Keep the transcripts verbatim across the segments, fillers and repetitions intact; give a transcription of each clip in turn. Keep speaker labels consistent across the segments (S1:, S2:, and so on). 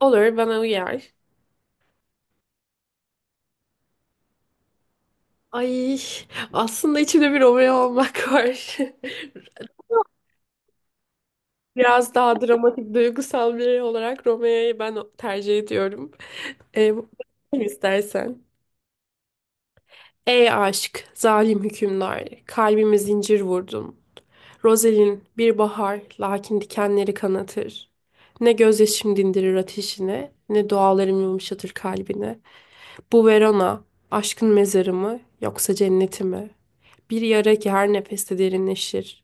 S1: Olur, bana uyar. Ay, aslında içimde bir Romeo olmak var. Biraz daha dramatik, duygusal biri olarak Romeo'yu ben tercih ediyorum. Ee, bu- istersen. Ey aşk, zalim hükümdar, kalbime zincir vurdun. Rozelin bir bahar, lakin dikenleri kanatır. Ne gözyaşım dindirir ateşine, ne dualarım yumuşatır kalbine. Bu Verona, aşkın mezarı mı yoksa cenneti mi? Bir yara ki her nefeste derinleşir.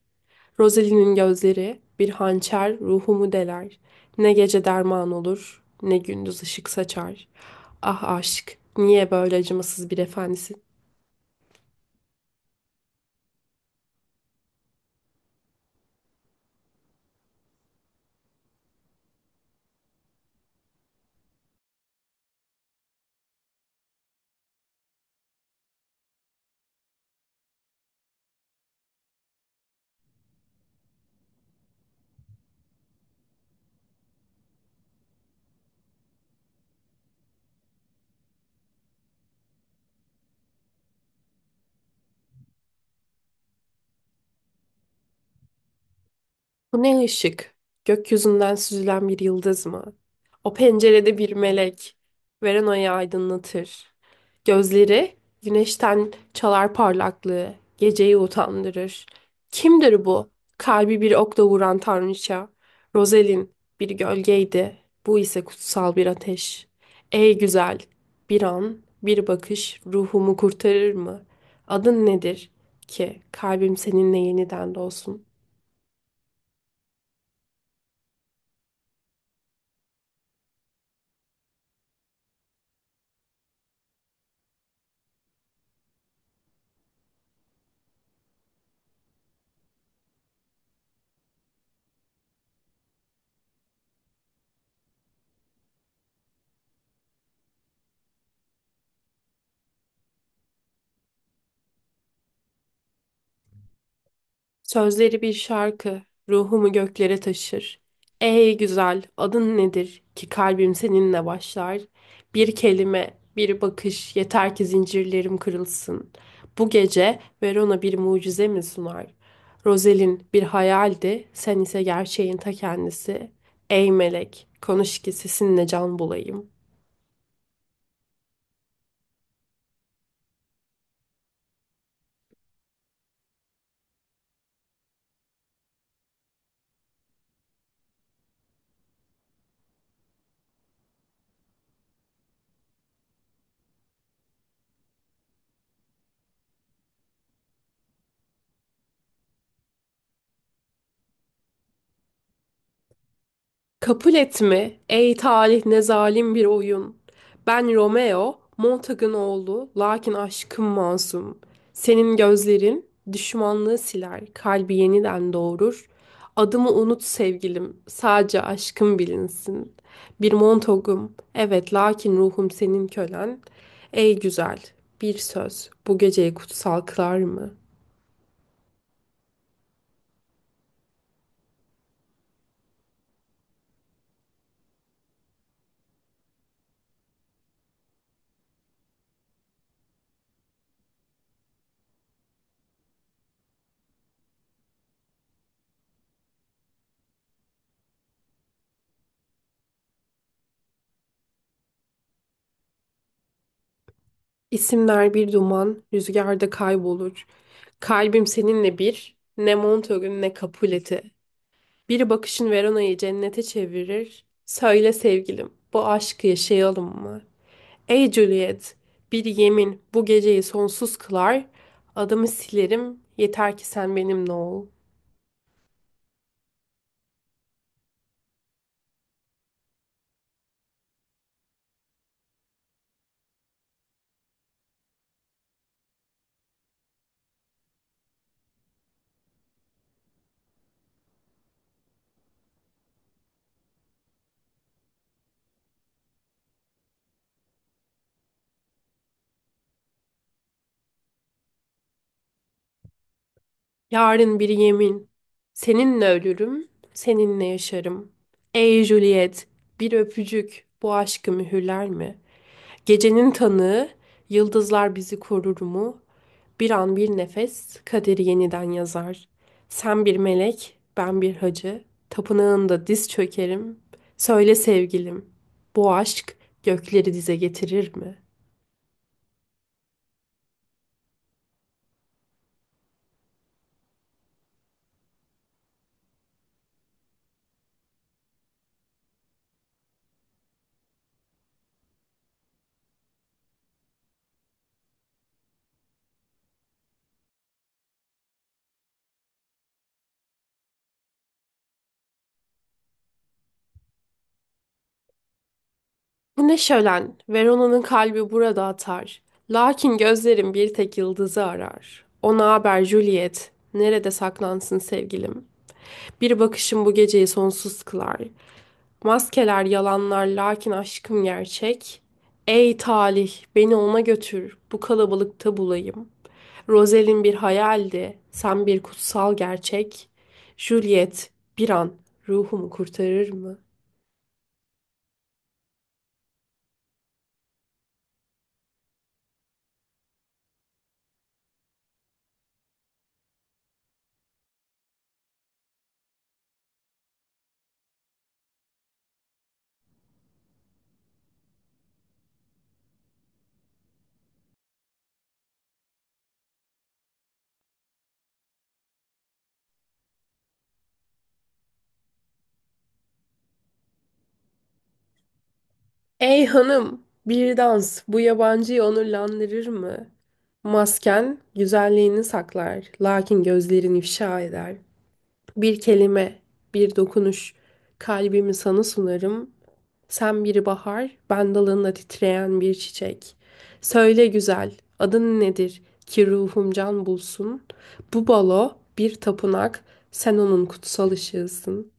S1: Rosalie'nin gözleri bir hançer ruhumu deler. Ne gece derman olur, ne gündüz ışık saçar. Ah aşk, niye böyle acımasız bir efendisin? Bu ne ışık? Gökyüzünden süzülen bir yıldız mı? O pencerede bir melek. Veranayı aydınlatır. Gözleri güneşten çalar parlaklığı. Geceyi utandırır. Kimdir bu? Kalbi bir okla vuran tanrıça. Rozelin bir gölgeydi. Bu ise kutsal bir ateş. Ey güzel! Bir an, bir bakış ruhumu kurtarır mı? Adın nedir ki kalbim seninle yeniden dolsun? Sözleri bir şarkı, ruhumu göklere taşır. Ey güzel, adın nedir ki kalbim seninle başlar? Bir kelime, bir bakış, yeter ki zincirlerim kırılsın. Bu gece Verona bir mucize mi sunar? Rozelin bir hayaldi, sen ise gerçeğin ta kendisi. Ey melek, konuş ki sesinle can bulayım. Kabul et mi? Ey talih, ne zalim bir oyun. Ben Romeo, Montagın oğlu, lakin aşkım masum. Senin gözlerin düşmanlığı siler, kalbi yeniden doğurur. Adımı unut sevgilim, sadece aşkım bilinsin. Bir Montagım, evet lakin ruhum senin kölen. Ey güzel, bir söz bu geceyi kutsal kılar mı? İsimler bir duman, rüzgarda kaybolur. Kalbim seninle bir, ne Montauk'un ne Capulet'i. Bir bakışın Verona'yı cennete çevirir. Söyle sevgilim, bu aşkı yaşayalım mı? Ey Juliet, bir yemin bu geceyi sonsuz kılar. Adımı silerim, yeter ki sen benimle ol. Yarın bir yemin, seninle ölürüm, seninle yaşarım. Ey Juliet, bir öpücük bu aşkı mühürler mi? Gecenin tanığı, yıldızlar bizi korur mu? Bir an, bir nefes, kaderi yeniden yazar. Sen bir melek, ben bir hacı. Tapınağında diz çökerim. Söyle sevgilim, bu aşk gökleri dize getirir mi? Bu ne şölen, Verona'nın kalbi burada atar. Lakin gözlerim bir tek yıldızı arar. Ona haber Juliet, nerede saklansın sevgilim? Bir bakışım bu geceyi sonsuz kılar. Maskeler yalanlar lakin aşkım gerçek. Ey talih beni ona götür, bu kalabalıkta bulayım. Rozelin bir hayaldi, sen bir kutsal gerçek. Juliet bir an ruhumu kurtarır mı? Ey hanım, bir dans bu yabancıyı onurlandırır mı? Masken güzelliğini saklar lakin gözlerin ifşa eder. Bir kelime, bir dokunuş, kalbimi sana sunarım. Sen bir bahar, ben dalında titreyen bir çiçek. Söyle güzel, adın nedir ki ruhum can bulsun? Bu balo bir tapınak, sen onun kutsal ışığısın.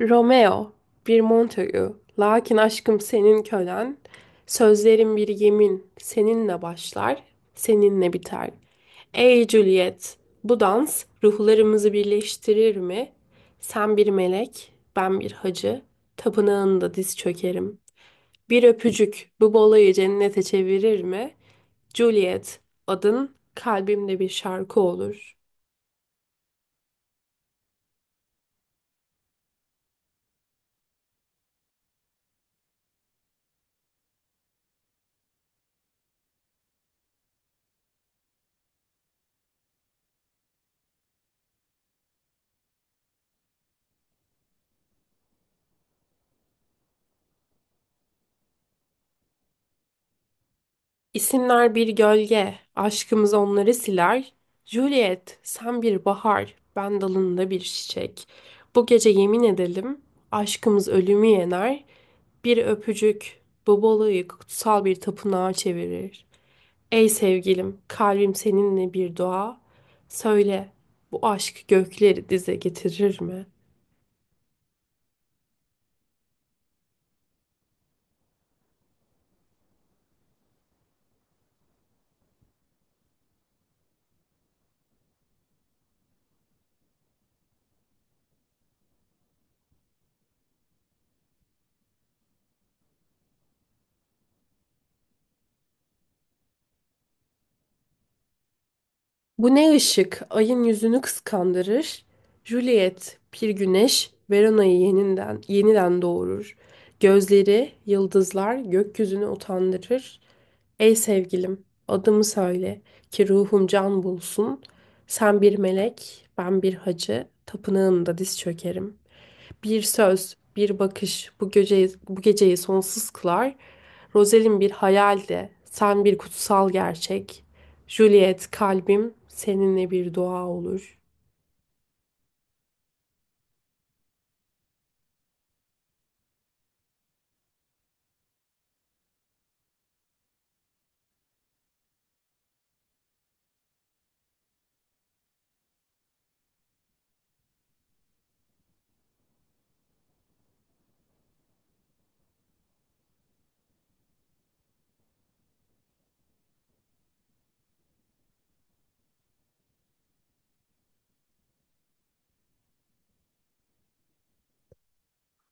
S1: Romeo, bir Montague, lakin aşkım senin kölen. Sözlerim bir yemin, seninle başlar, seninle biter. Ey Juliet, bu dans ruhlarımızı birleştirir mi? Sen bir melek, ben bir hacı. Tapınağında diz çökerim. Bir öpücük bu balayı cennete çevirir mi? Juliet, adın kalbimde bir şarkı olur. İsimler bir gölge, aşkımız onları siler. Juliet, sen bir bahar, ben dalında bir çiçek. Bu gece yemin edelim, aşkımız ölümü yener. Bir öpücük Bobolo'yu kutsal bir tapınağa çevirir. Ey sevgilim, kalbim seninle bir dua. Söyle, bu aşk gökleri dize getirir mi? Bu ne ışık? Ayın yüzünü kıskandırır. Juliet, bir güneş, Verona'yı yeniden, yeniden doğurur. Gözleri, yıldızlar gökyüzünü utandırır. Ey sevgilim, adımı söyle ki ruhum can bulsun. Sen bir melek, ben bir hacı, tapınağında diz çökerim. Bir söz, bir bakış bu geceyi, bu geceyi sonsuz kılar. Rozelin bir hayal de, sen bir kutsal gerçek. Juliet, kalbim seninle bir dua olur.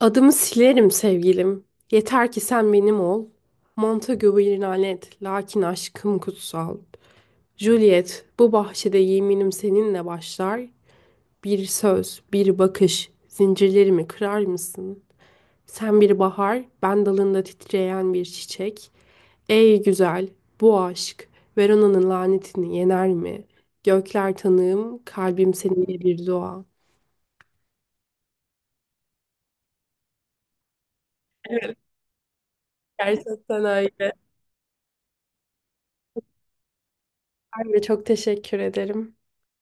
S1: Adımı silerim sevgilim, yeter ki sen benim ol. Montague bir lanet, lakin aşkım kutsal. Juliet, bu bahçede yeminim seninle başlar. Bir söz, bir bakış, zincirlerimi kırar mısın? Sen bir bahar, ben dalında titreyen bir çiçek. Ey güzel, bu aşk Verona'nın lanetini yener mi? Gökler tanığım, kalbim seninle bir dua. Evet. Gerçekten öyle. Ben de çok teşekkür ederim.